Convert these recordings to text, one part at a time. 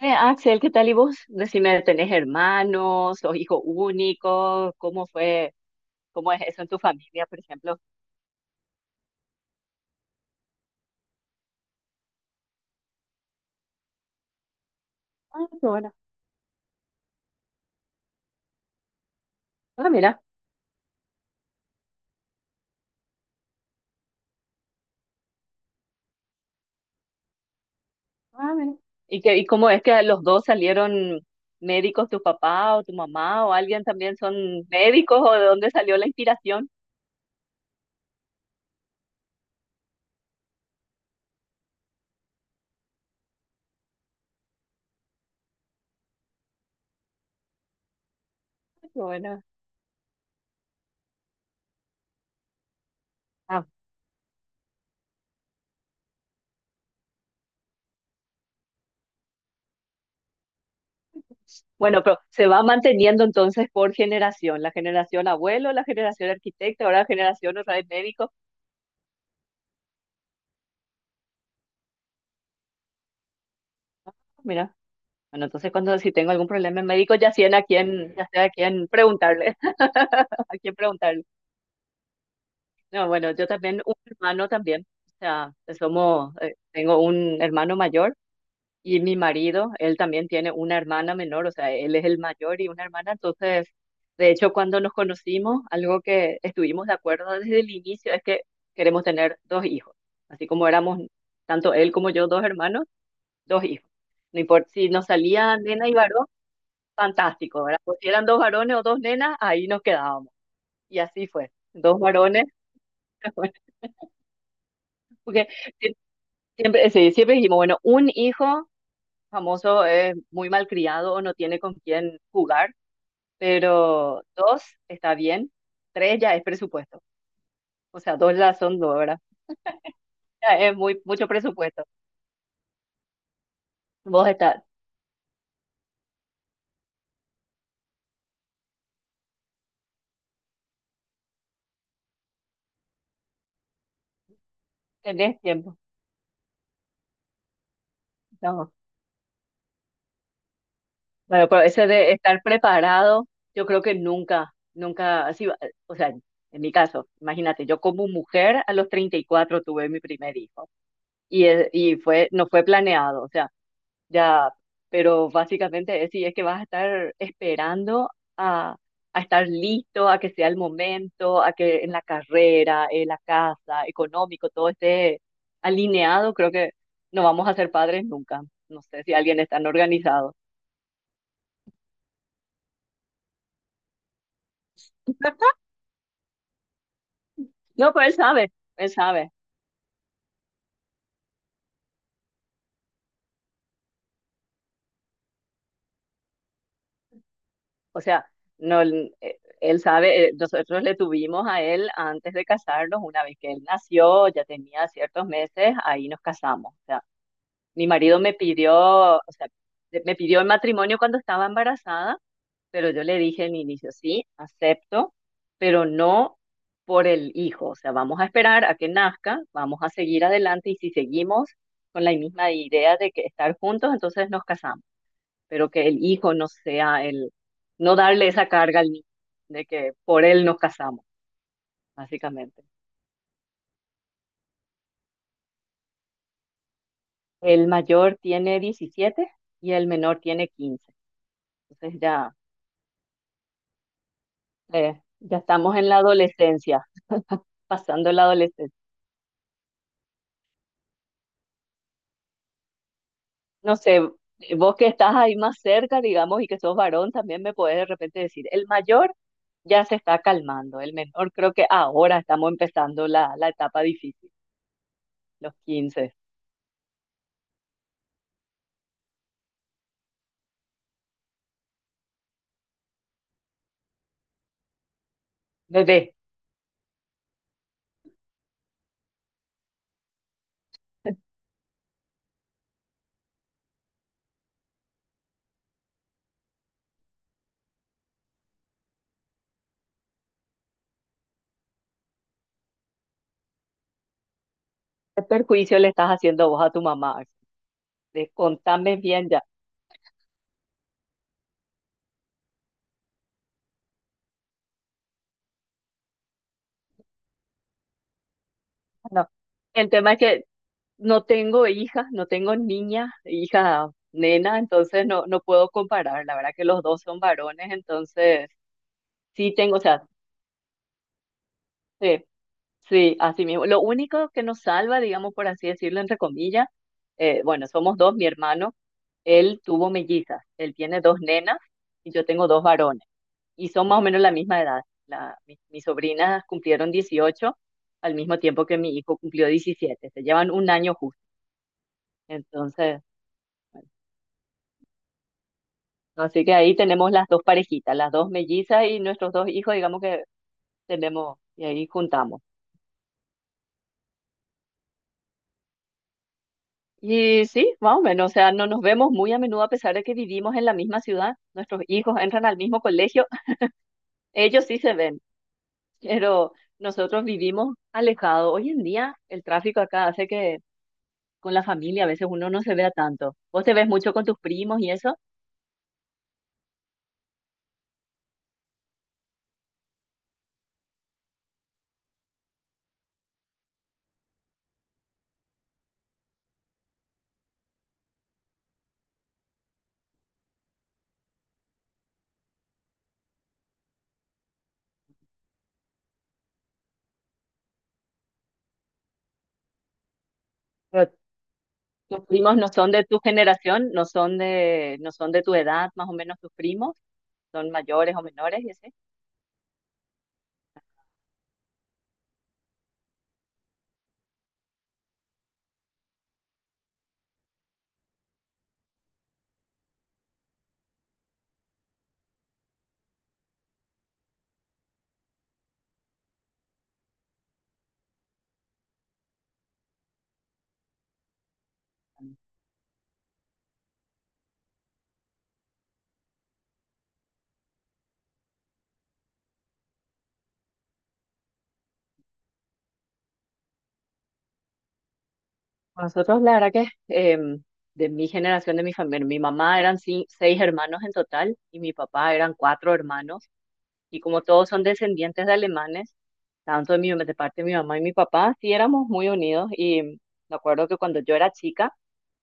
Axel, ¿qué tal y vos? Decime, ¿tenés hermanos o hijo único? ¿Cómo fue? ¿Cómo es eso en tu familia, por ejemplo? Ah, qué bueno. Ah, mira. Ah, mira. ¿Y cómo es que los dos salieron médicos, tu papá o tu mamá o alguien también son médicos o de dónde salió la inspiración? Ah, qué bueno. Ah, bueno, pero se va manteniendo entonces por generación, la generación abuelo, la generación arquitecta, ahora la generación otra vez médico. Mira. Bueno, entonces cuando si tengo algún problema médico, ya sé a quién preguntarle, a quién preguntarle. No, bueno, yo también, un hermano también, o sea, pues, somos, tengo un hermano mayor y mi marido, él también tiene una hermana menor, o sea, él es el mayor y una hermana, entonces, de hecho, cuando nos conocimos, algo que estuvimos de acuerdo desde el inicio es que queremos tener dos hijos, así como éramos tanto él como yo dos hermanos, dos hijos. No importa si nos salía nena y varón fantástico, ¿verdad? Pues si eran dos varones o dos nenas, ahí nos quedábamos. Y así fue. Dos varones, bueno, porque sie- siempre, sí, siempre dijimos, bueno, un hijo famoso es muy malcriado o no tiene con quién jugar, pero dos está bien, tres ya es presupuesto. O sea, dos ya son dos, ¿verdad? Ya es muy, mucho presupuesto. Vos está, tenés tiempo. No. Bueno, pero ese de estar preparado, yo creo que nunca, nunca, así, o sea, en mi caso, imagínate, yo como mujer a los 34 tuve mi primer hijo y, y fue, no fue planeado, o sea, ya, pero básicamente es, sí, es que vas a estar esperando a, a estar listo, a que sea el momento, a que en la carrera, en la casa, económico, todo esté alineado, creo que no vamos a ser padres nunca. No sé si alguien es tan organizado. No, pero él sabe, él sabe. O sea, no, él sabe, nosotros le tuvimos a él antes de casarnos, una vez que él nació, ya tenía ciertos meses, ahí nos casamos. O sea, mi marido me pidió, o sea, me pidió el matrimonio cuando estaba embarazada, pero yo le dije en inicio, sí, acepto, pero no por el hijo. O sea, vamos a esperar a que nazca, vamos a seguir adelante y si seguimos con la misma idea de que estar juntos, entonces nos casamos. Pero que el hijo no sea el, no darle esa carga al niño de que por él nos casamos, básicamente. El mayor tiene 17 y el menor tiene 15. Entonces ya, ya estamos en la adolescencia, pasando la adolescencia. No sé, vos que estás ahí más cerca, digamos, y que sos varón, también me podés de repente decir, el mayor ya se está calmando, el menor creo que ahora estamos empezando la, la etapa difícil, los 15. Bebé. ¿Qué perjuicio le estás haciendo vos a tu mamá? Contame bien ya. No. El tema es que no tengo hijas, no tengo niña, hija, nena, entonces no, no puedo comparar. La verdad que los dos son varones, entonces sí tengo, o sea, sí, sí, así mismo. Lo único que nos salva, digamos, por así decirlo, entre comillas, bueno, somos dos, mi hermano, él tuvo mellizas, él tiene dos nenas y yo tengo dos varones. Y son más o menos la misma edad. La, mi- mis sobrinas cumplieron 18 al mismo tiempo que mi hijo cumplió 17. Se llevan un año justo. Entonces, así que ahí tenemos las dos parejitas, las dos mellizas y nuestros dos hijos, digamos que tenemos, y ahí juntamos. Y sí, más o menos, o sea, no nos vemos muy a menudo a pesar de que vivimos en la misma ciudad. Nuestros hijos entran al mismo colegio, ellos sí se ven, pero nosotros vivimos alejados. Hoy en día el tráfico acá hace que con la familia, a veces uno no se vea tanto. ¿Vos te ves mucho con tus primos y eso? Pero ¿tus primos no son de tu generación, no son de, no son de tu edad, más o menos tus primos? ¿Son mayores o menores y así? Nosotros, la verdad que em, de mi generación, de mi familia, mi mamá eran seis hermanos en total y mi papá eran cuatro hermanos. Y como todos son descendientes de alemanes, tanto de, mi, de parte de mi mamá y mi papá, sí éramos muy unidos. Y me acuerdo que cuando yo era chica,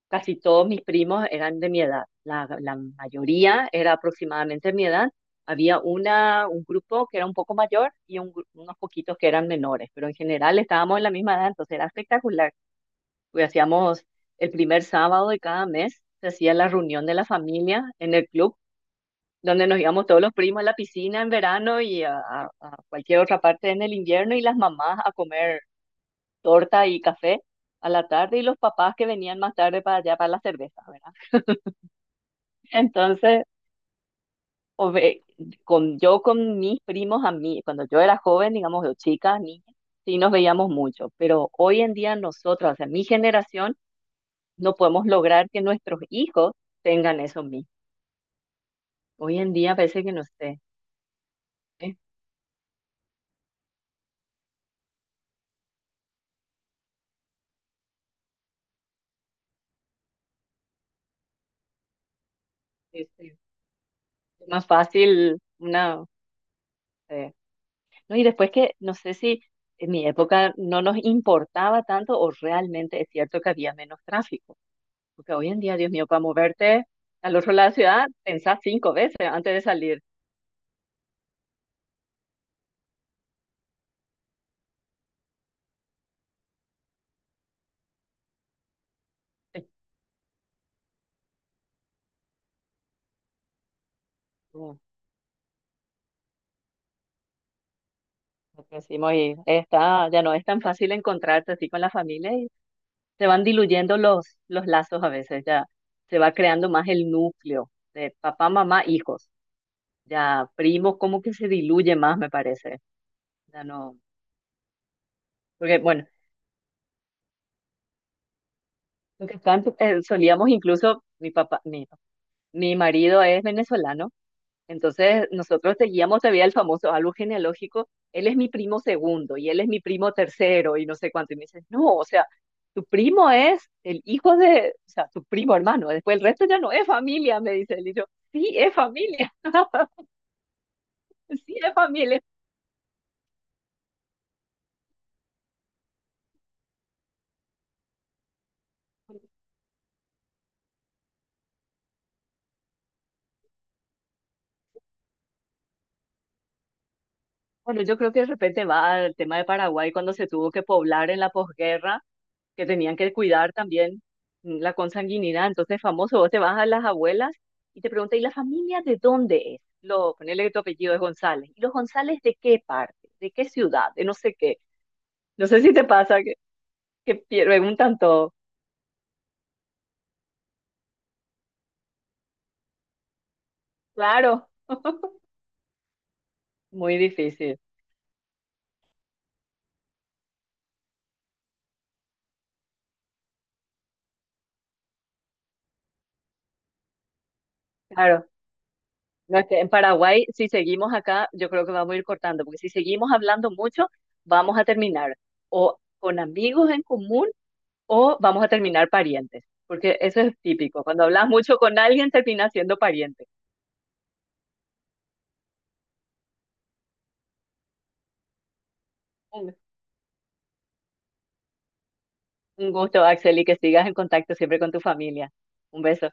casi todos mis primos eran de mi edad, la mayoría era aproximadamente mi edad. Había un grupo que era un poco mayor y unos poquitos que eran menores, pero en general estábamos en la misma edad, entonces era espectacular. Pues hacíamos el primer sábado de cada mes, se hacía la reunión de la familia en el club, donde nos íbamos todos los primos a la piscina en verano y a cualquier otra parte en el invierno y las mamás a comer torta y café a la tarde y los papás que venían más tarde para allá para la cerveza, ¿verdad? Entonces, o ve- con, yo con mis primos, a mí, cuando yo era joven, digamos, yo chica, niña, sí nos veíamos mucho, pero hoy en día nosotros, o sea, mi generación, no podemos lograr que nuestros hijos tengan eso mismo. Hoy en día parece que no sé, es, es más fácil una... eh, no, y después que, no sé si en mi época no nos importaba tanto o realmente es cierto que había menos tráfico. Porque hoy en día, Dios mío, para moverte al otro lado de la ciudad, pensás cinco veces antes de salir. Sí. Mm, lo que decimos, y está, ya no es tan fácil encontrarse así con la familia y se van diluyendo los lazos a veces, ya se va creando más el núcleo de papá, mamá, hijos, ya primos, como que se diluye más, me parece. Ya no, porque bueno, lo que están, solíamos incluso, mi papá, mi marido es venezolano. Entonces, nosotros seguíamos todavía el famoso árbol genealógico, él es mi primo segundo y él es mi primo tercero y no sé cuánto. Y me dicen, no, o sea, tu primo es el hijo de, o sea, tu primo hermano, después el resto ya no es familia, me dice él. Y yo, sí, es familia, sí, es familia. Bueno, yo creo que de repente va al tema de Paraguay cuando se tuvo que poblar en la posguerra que tenían que cuidar también la consanguinidad. Entonces, famoso, vos te vas a las abuelas y te preguntas, ¿y la familia de dónde es? Lo, ponele que tu apellido es González. ¿Y los González de qué parte? ¿De qué ciudad? De no sé qué. No sé si te pasa que preguntan todo. Claro, muy difícil. Claro. No, es que en Paraguay, si seguimos acá, yo creo que vamos a ir cortando, porque si seguimos hablando mucho, vamos a terminar o con amigos en común o vamos a terminar parientes, porque eso es típico. Cuando hablas mucho con alguien, terminas siendo pariente. Un un gusto, Axel, y que sigas en contacto siempre con tu familia. Un beso.